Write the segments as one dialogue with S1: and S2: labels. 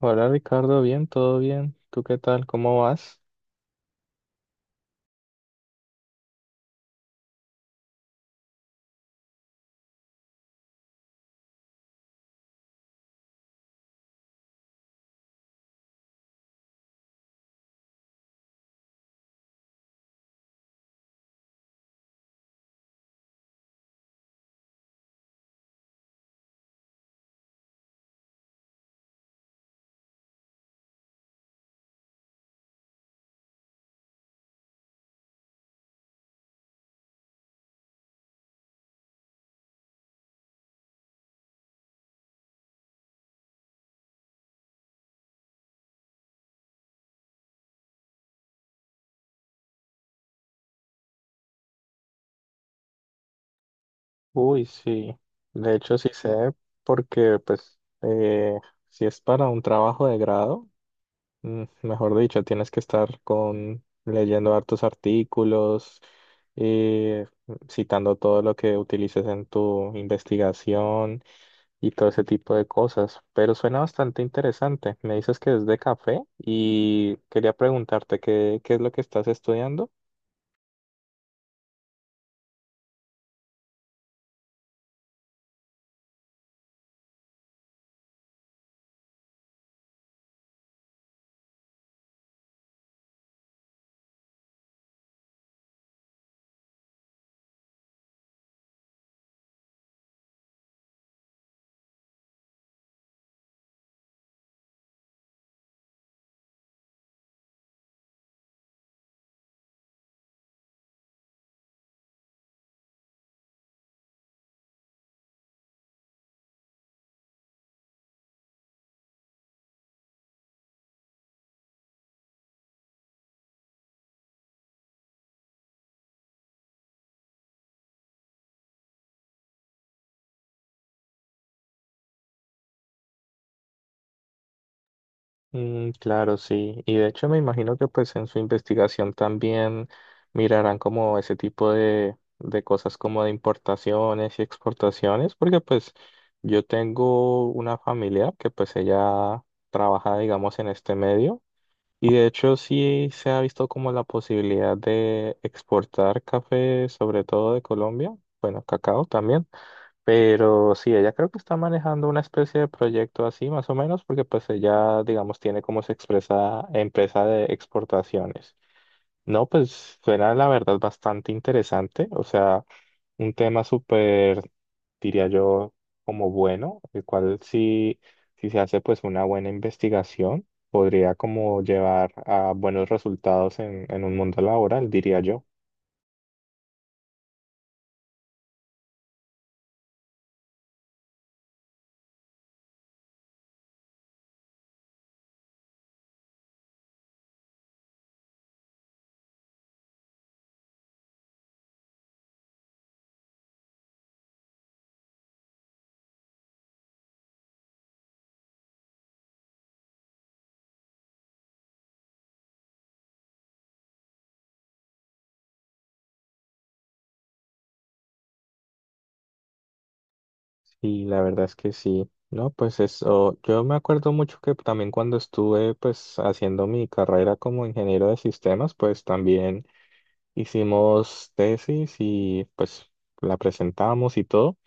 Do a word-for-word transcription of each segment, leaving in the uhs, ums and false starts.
S1: Hola Ricardo, bien, todo bien. ¿Tú qué tal? ¿Cómo vas? Uy, sí. De hecho, sí sé, porque pues eh, si es para un trabajo de grado, mm, mejor dicho, tienes que estar con leyendo hartos artículos, eh, citando todo lo que utilices en tu investigación y todo ese tipo de cosas. Pero suena bastante interesante. Me dices que es de café y quería preguntarte qué, qué es lo que estás estudiando. Mm, claro, sí. Y de hecho me imagino que pues en su investigación también mirarán como ese tipo de, de cosas como de importaciones y exportaciones, porque pues yo tengo una familia que pues ella trabaja digamos en este medio y de hecho sí se ha visto como la posibilidad de exportar café, sobre todo de Colombia, bueno, cacao también. Pero sí, ella creo que está manejando una especie de proyecto así, más o menos, porque pues ella, digamos, tiene como se expresa empresa de exportaciones. No, pues suena la verdad bastante interesante, o sea, un tema súper, diría yo, como bueno, el cual si, si se hace pues una buena investigación, podría como llevar a buenos resultados en, en un mundo laboral, diría yo. Y la verdad es que sí, ¿no? Pues eso, yo me acuerdo mucho que también cuando estuve pues haciendo mi carrera como ingeniero de sistemas, pues también hicimos tesis y pues la presentamos y todo,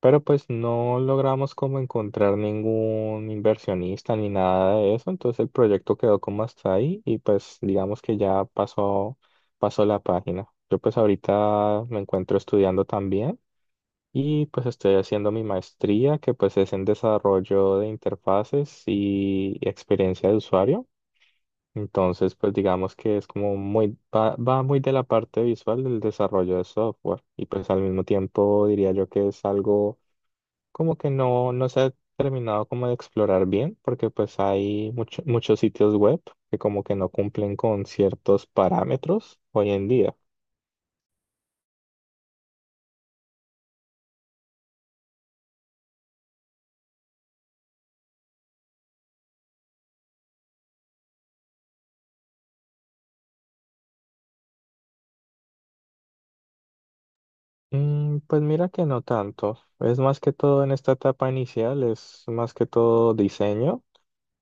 S1: pero pues no logramos como encontrar ningún inversionista ni nada de eso, entonces el proyecto quedó como hasta ahí y pues digamos que ya pasó, pasó la página. Yo pues ahorita me encuentro estudiando también. Y pues estoy haciendo mi maestría, que pues es en desarrollo de interfaces y experiencia de usuario. Entonces, pues digamos que es como muy, va, va muy de la parte visual del desarrollo de software. Y pues al mismo tiempo diría yo que es algo como que no, no se ha terminado como de explorar bien, porque pues hay mucho- muchos sitios web que como que no cumplen con ciertos parámetros hoy en día. Mm, pues mira que no tanto. Es más que todo en esta etapa inicial, es más que todo diseño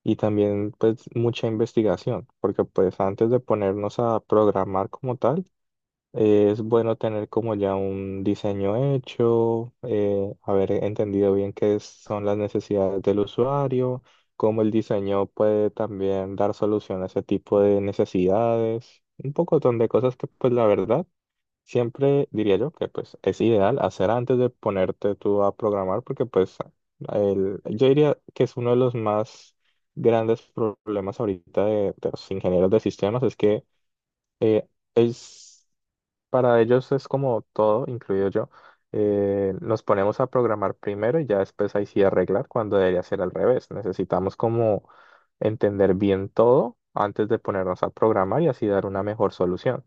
S1: y también pues mucha investigación, porque pues antes de ponernos a programar como tal, eh, es bueno tener como ya un diseño hecho, eh, haber entendido bien qué es- son las necesidades del usuario, cómo el diseño puede también dar solución a ese tipo de necesidades, un poco de cosas que pues la verdad. Siempre diría yo que pues es ideal hacer antes de ponerte tú a programar porque pues el- yo diría que es uno de los más grandes problemas ahorita de, de los ingenieros de sistemas es que eh, es para ellos es como todo, incluido yo, eh, nos ponemos a programar primero y ya después ahí sí arreglar cuando debería ser al revés. Necesitamos como entender bien todo antes de ponernos a programar y así dar una mejor solución.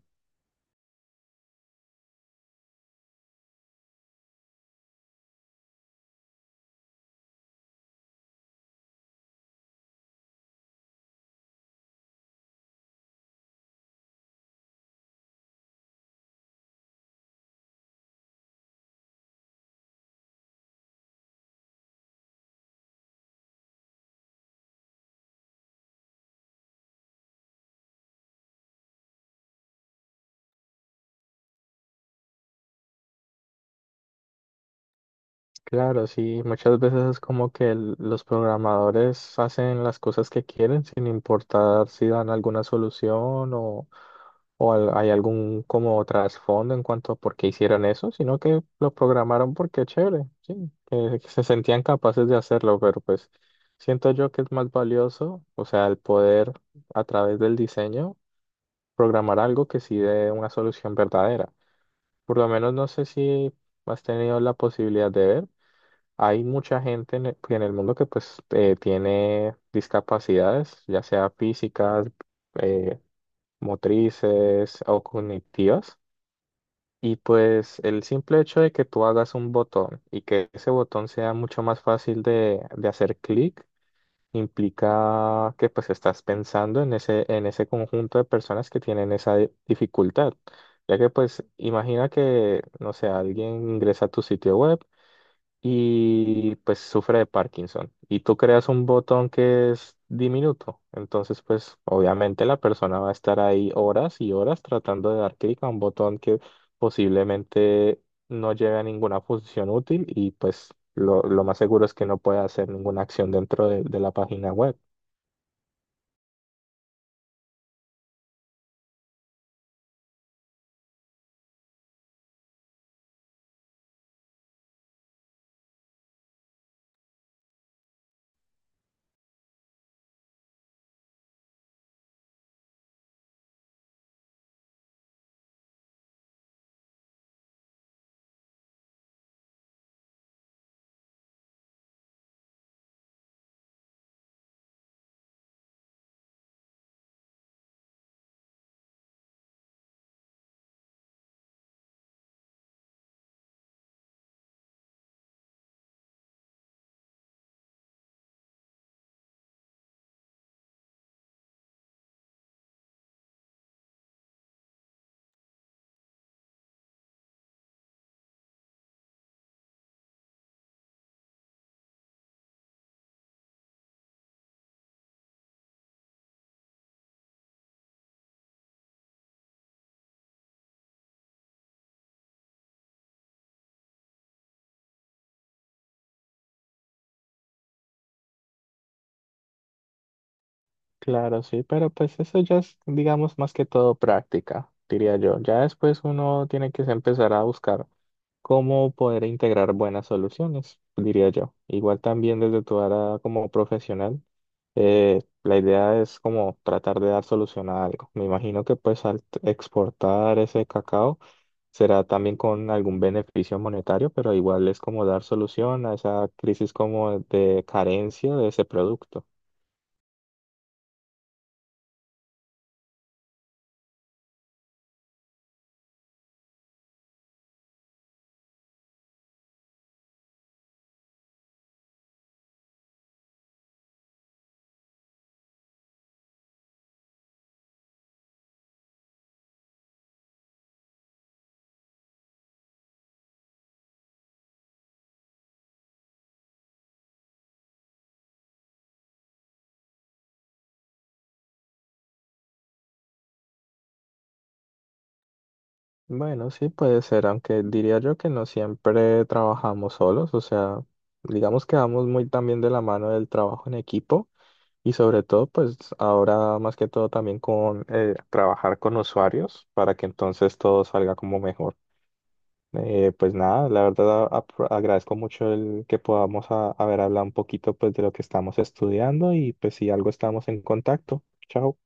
S1: Claro, sí, muchas veces es como que el- los programadores hacen las cosas que quieren sin importar si dan alguna solución o, o al- hay algún como trasfondo en cuanto a por qué hicieron eso, sino que lo programaron porque chévere, sí, que se sentían capaces de hacerlo, pero pues siento yo que es más valioso, o sea, el poder a través del diseño programar algo que sí dé una solución verdadera. Por lo menos no sé si has tenido la posibilidad de ver. Hay mucha gente en el, en el mundo que pues eh, tiene discapacidades, ya sea físicas, eh, motrices o cognitivas. Y pues el simple hecho de que tú hagas un botón y que ese botón sea mucho más fácil de, de hacer clic, implica que pues estás pensando en ese, en ese conjunto de personas que tienen esa di- dificultad. Ya que pues imagina que, no sé, alguien ingresa a tu sitio web y pues sufre de Parkinson. Y tú creas un botón que es diminuto. Entonces, pues obviamente la persona va a estar ahí horas y horas tratando de dar clic a un botón que posiblemente no lleve a ninguna función útil y pues lo, lo más seguro es que no pueda hacer ninguna acción dentro de de la página web. Claro, sí, pero pues eso ya es, digamos, más que todo práctica, diría yo. Ya después uno tiene que empezar a buscar cómo poder integrar buenas soluciones, diría yo. Igual también desde tu área como profesional, eh, la idea es como tratar de dar solución a algo. Me imagino que pues al t- exportar ese cacao será también con algún beneficio monetario, pero igual es como dar solución a esa crisis como de carencia de ese producto. Bueno, sí puede ser, aunque diría yo que no siempre trabajamos solos, o sea, digamos que vamos muy también de la mano del trabajo en equipo y sobre todo pues ahora más que todo también con eh, trabajar con usuarios para que entonces todo salga como mejor. Eh, pues nada, la verdad a- apro- agradezco mucho el que podamos a- haber hablado un poquito pues de lo que estamos estudiando y pues si algo estamos en contacto. Chao.